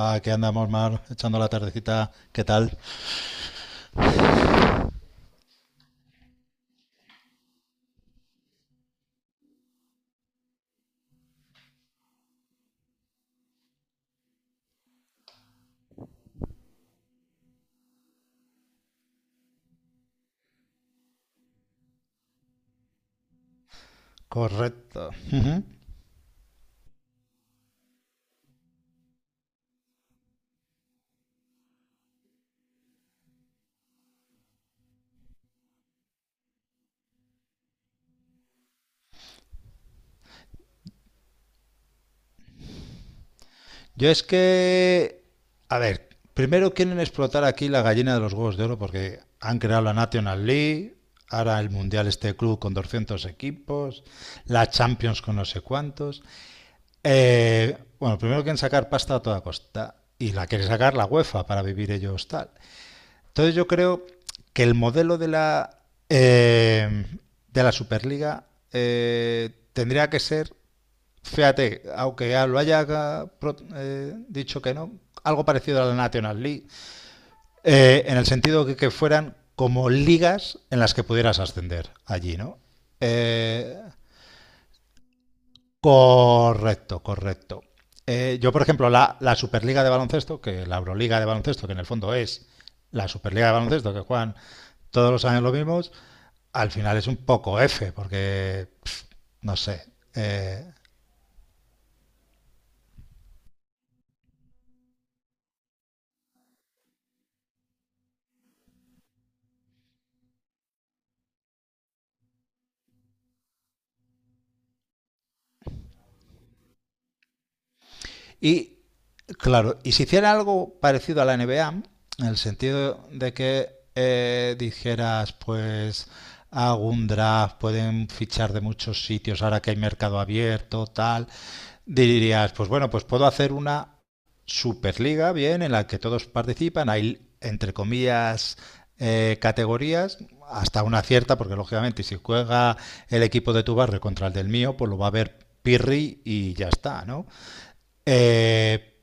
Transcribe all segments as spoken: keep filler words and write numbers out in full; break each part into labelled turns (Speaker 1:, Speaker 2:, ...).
Speaker 1: Aquí andamos, Mar, echando la tardecita. ¿Qué tal? Correcto. Ujú. Yo es que, a ver, primero quieren explotar aquí la gallina de los huevos de oro porque han creado la National League, ahora el Mundial este club con doscientos equipos, la Champions con no sé cuántos. Eh, bueno, primero quieren sacar pasta a toda costa y la quiere sacar la UEFA para vivir ellos tal. Entonces yo creo que el modelo de la, eh, de la Superliga eh, tendría que ser, fíjate, aunque ya lo haya eh, dicho que no, algo parecido a la National League, eh, en el sentido que, que fueran como ligas en las que pudieras ascender allí, ¿no? Eh, Correcto, correcto. Eh, yo, por ejemplo, la, la, Superliga de Baloncesto, que la Euroliga de Baloncesto, que en el fondo es la Superliga de Baloncesto, que juegan todos los años los mismos, al final es un poco F, porque, pff, no sé, eh, y claro, y si hiciera algo parecido a la N B A, en el sentido de que eh, dijeras, pues hago un draft, pueden fichar de muchos sitios ahora que hay mercado abierto, tal, dirías, pues bueno, pues puedo hacer una superliga, bien, en la que todos participan, hay entre comillas eh, categorías, hasta una cierta, porque lógicamente si juega el equipo de tu barrio contra el del mío, pues lo va a ver Pirri y ya está, ¿no? Eh,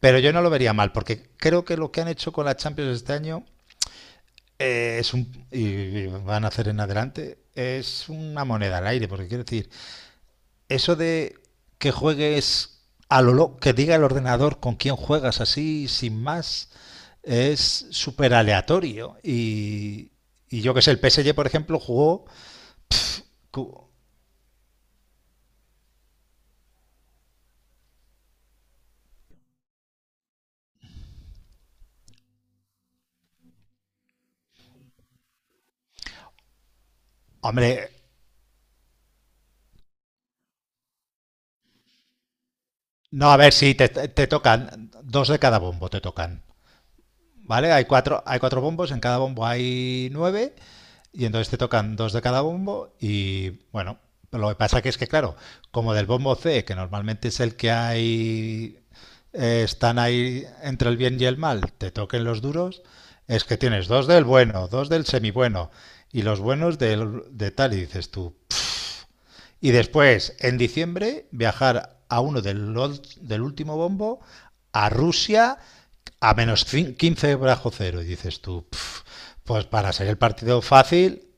Speaker 1: pero yo no lo vería mal, porque creo que lo que han hecho con la Champions este año eh, es un, y, y van a hacer en adelante es una moneda al aire, porque quiero decir, eso de que juegues a lo lo- que diga el ordenador con quién juegas así, sin más, es súper aleatorio. Y, y yo que sé, el P S G, por ejemplo, jugó... cu- Hombre, no, a ver si te, te tocan, dos de cada bombo te tocan. ¿Vale? Hay cuatro, hay cuatro bombos, en cada bombo hay nueve, y entonces te tocan dos de cada bombo, y bueno, lo que pasa que es que, claro, como del bombo C, que normalmente es el que hay, eh, están ahí entre el bien y el mal, te toquen los duros, es que tienes dos del bueno, dos del semibueno, y los buenos del, de tal, y dices tú, y después, en diciembre, viajar a uno del, del último bombo, a Rusia, a menos quince bajo cero. Y dices tú, pues para ser el partido fácil,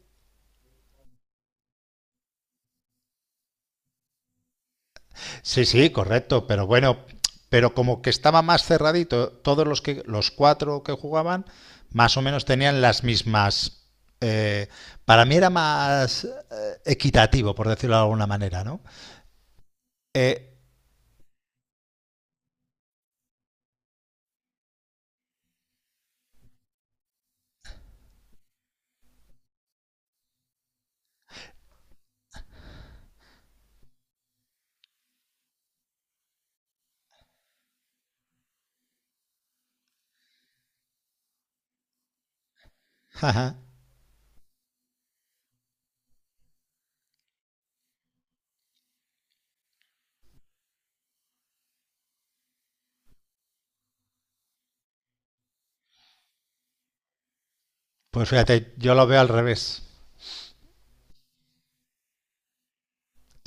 Speaker 1: sí, sí, correcto, pero bueno, pero como que estaba más cerradito, todos los, que, los cuatro que jugaban más o menos tenían las mismas... Eh, para mí era más eh, equitativo, por decirlo de alguna manera, ¿no? Eh, jaja, pues fíjate, yo lo veo al revés.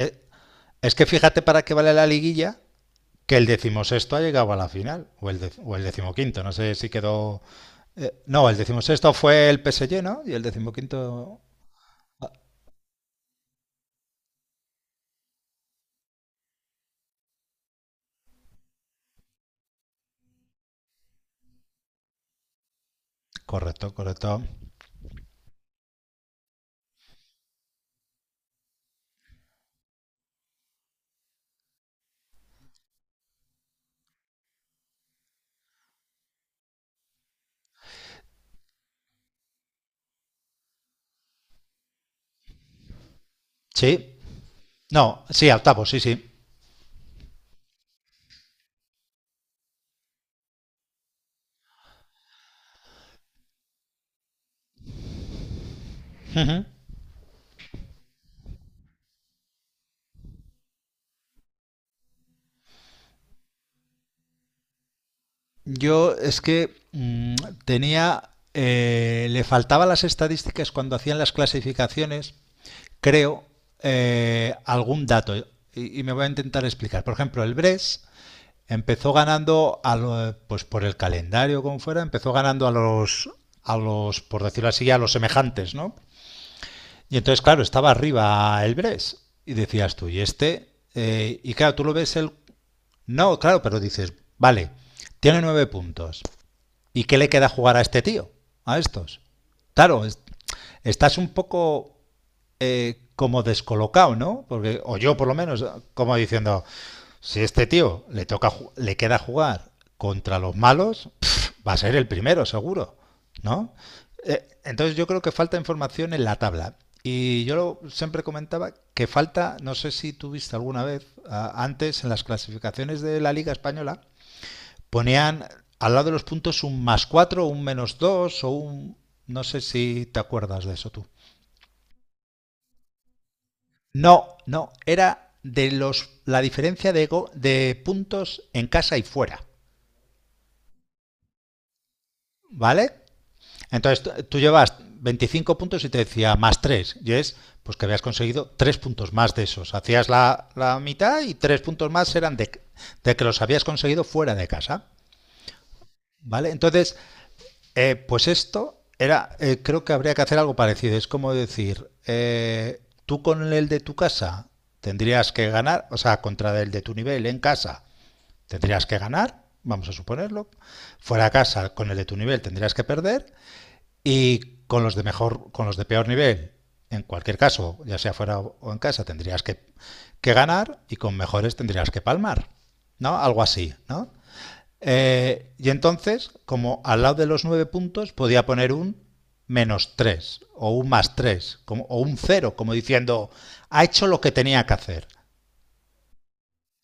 Speaker 1: Eh, Es que fíjate para qué vale la liguilla que el decimosexto ha llegado a la final, o el, de, o el decimoquinto, no sé si quedó... eh, no, el decimosexto fue el P S G, ¿no? Y el decimoquinto... Correcto, correcto. Sí. No, sí, octavo tapo, sí, sí. Ujú. Yo es que mm, tenía... eh, le faltaban las estadísticas cuando hacían las clasificaciones, creo, eh, algún dato. Y, y me voy a intentar explicar. Por ejemplo, el Bres empezó ganando a lo- pues por el calendario como fuera, empezó ganando a los a los por decirlo así a los semejantes, ¿no? Y entonces claro, estaba arriba el Bres y decías tú, y este Eh, y claro, tú lo ves el no, claro, pero dices, vale, tiene nueve puntos. ¿Y qué le queda jugar a este tío? A estos. Claro, es- estás un poco eh, como descolocado, ¿no? Porque, o yo por lo menos, como diciendo, si este tío le toca le queda jugar contra los malos, pf, va a ser el primero, seguro, ¿no? Eh, entonces yo creo que falta información en la tabla. Y yo lo- siempre comentaba que falta, no sé si tuviste alguna vez, a- antes en las clasificaciones de la Liga Española, ponían al lado de los puntos un más cuatro, un menos dos o un... No sé si te acuerdas de eso tú. No, no, era de los, la diferencia de, go, de puntos en casa y fuera, ¿vale? Entonces tú llevas veinticinco puntos y te decía más tres, y es pues que habías conseguido tres puntos más de esos. Hacías la, la mitad y tres puntos más eran de, de que los habías conseguido fuera de casa, ¿vale? Entonces Eh, pues esto era, eh, creo que habría que hacer algo parecido. Es como decir, eh, tú con el de tu casa tendrías que ganar, o sea, contra el de tu nivel en casa tendrías que ganar, vamos a suponerlo. Fuera a casa con el de tu nivel tendrías que perder y con los de mejor, con los de peor nivel, en cualquier caso, ya sea fuera o en casa, tendrías que, que ganar y con mejores tendrías que palmar, ¿no? Algo así, ¿no? Eh, y entonces, como al lado de los nueve puntos, podía poner un menos tres o un más tres como, o un cero, como diciendo, ha hecho lo que tenía que hacer.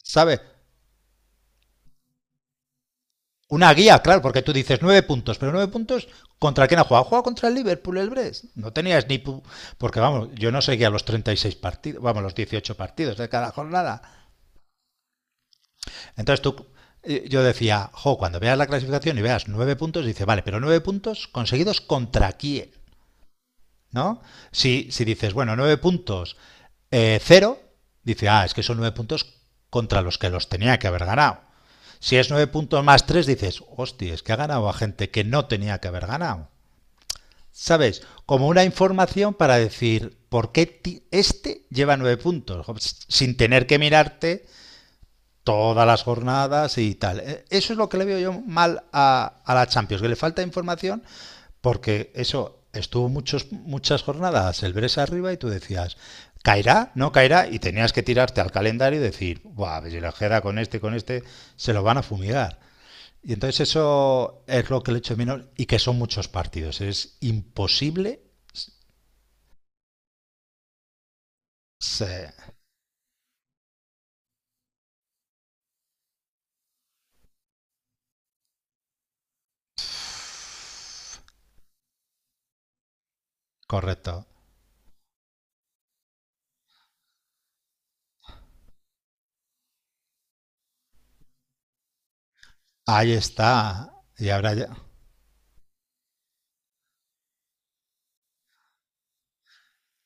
Speaker 1: ¿Sabes? Una guía, claro, porque tú dices nueve puntos, pero nueve puntos contra quién ha jugado. Ha jugado contra el Liverpool, el Brest. No tenías ni... pu- Porque vamos, yo no seguía los treinta y seis partidos, vamos, los dieciocho partidos de cada jornada. Entonces tú, eh, yo decía, jo, cuando veas la clasificación y veas nueve puntos, dice, vale, pero nueve puntos conseguidos contra quién. ¿No? Si, si dices, bueno, nueve puntos, eh, cero, dice, ah, es que son nueve puntos contra los que los tenía que haber ganado. Si es nueve puntos más tres dices, hostia, es que ha ganado a gente que no tenía que haber ganado. ¿Sabes? Como una información para decir, ¿por qué este lleva nueve puntos? Sin tener que mirarte todas las jornadas y tal. E, eso es lo que le veo yo mal a, a la Champions, que le falta información porque eso estuvo muchos, muchas jornadas el Bres arriba y tú decías, ¿caerá? ¿No caerá? Y tenías que tirarte al calendario y decir, buah, si la queda con este, con este, se lo van a fumigar. Y entonces eso es lo que le echo menos y que son muchos partidos. Es imposible. Sí, correcto. Ahí está. Y ahora ya.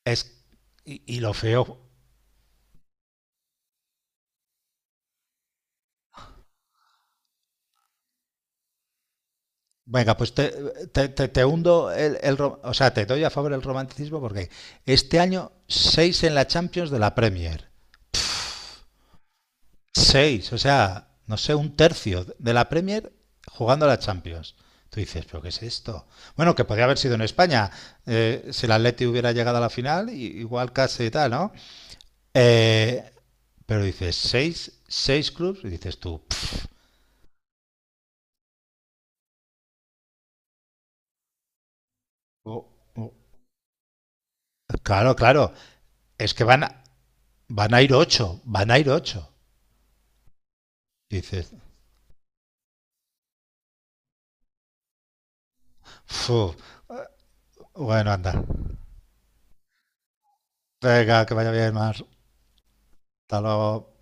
Speaker 1: Es, y, y lo feo Venga, pues te, te- te- te hundo el, el ro- o sea, te doy a favor el romanticismo porque este año seis en la Champions de la Premier. Seis, o sea, no sé, un tercio de la Premier jugando a la Champions. Tú dices, ¿pero qué es esto? Bueno, que podría haber sido en España, eh, si el Atleti hubiera llegado a la final, i- igual casi y tal, ¿no? Eh, pero dices, seis, seis clubes, y dices tú, "Pff, o- o- claro, claro. Es que van a, van a ir ocho, van a ir ocho. Dices, fu, eh, bueno, anda. Venga, que vaya bien, Mar. Hasta luego.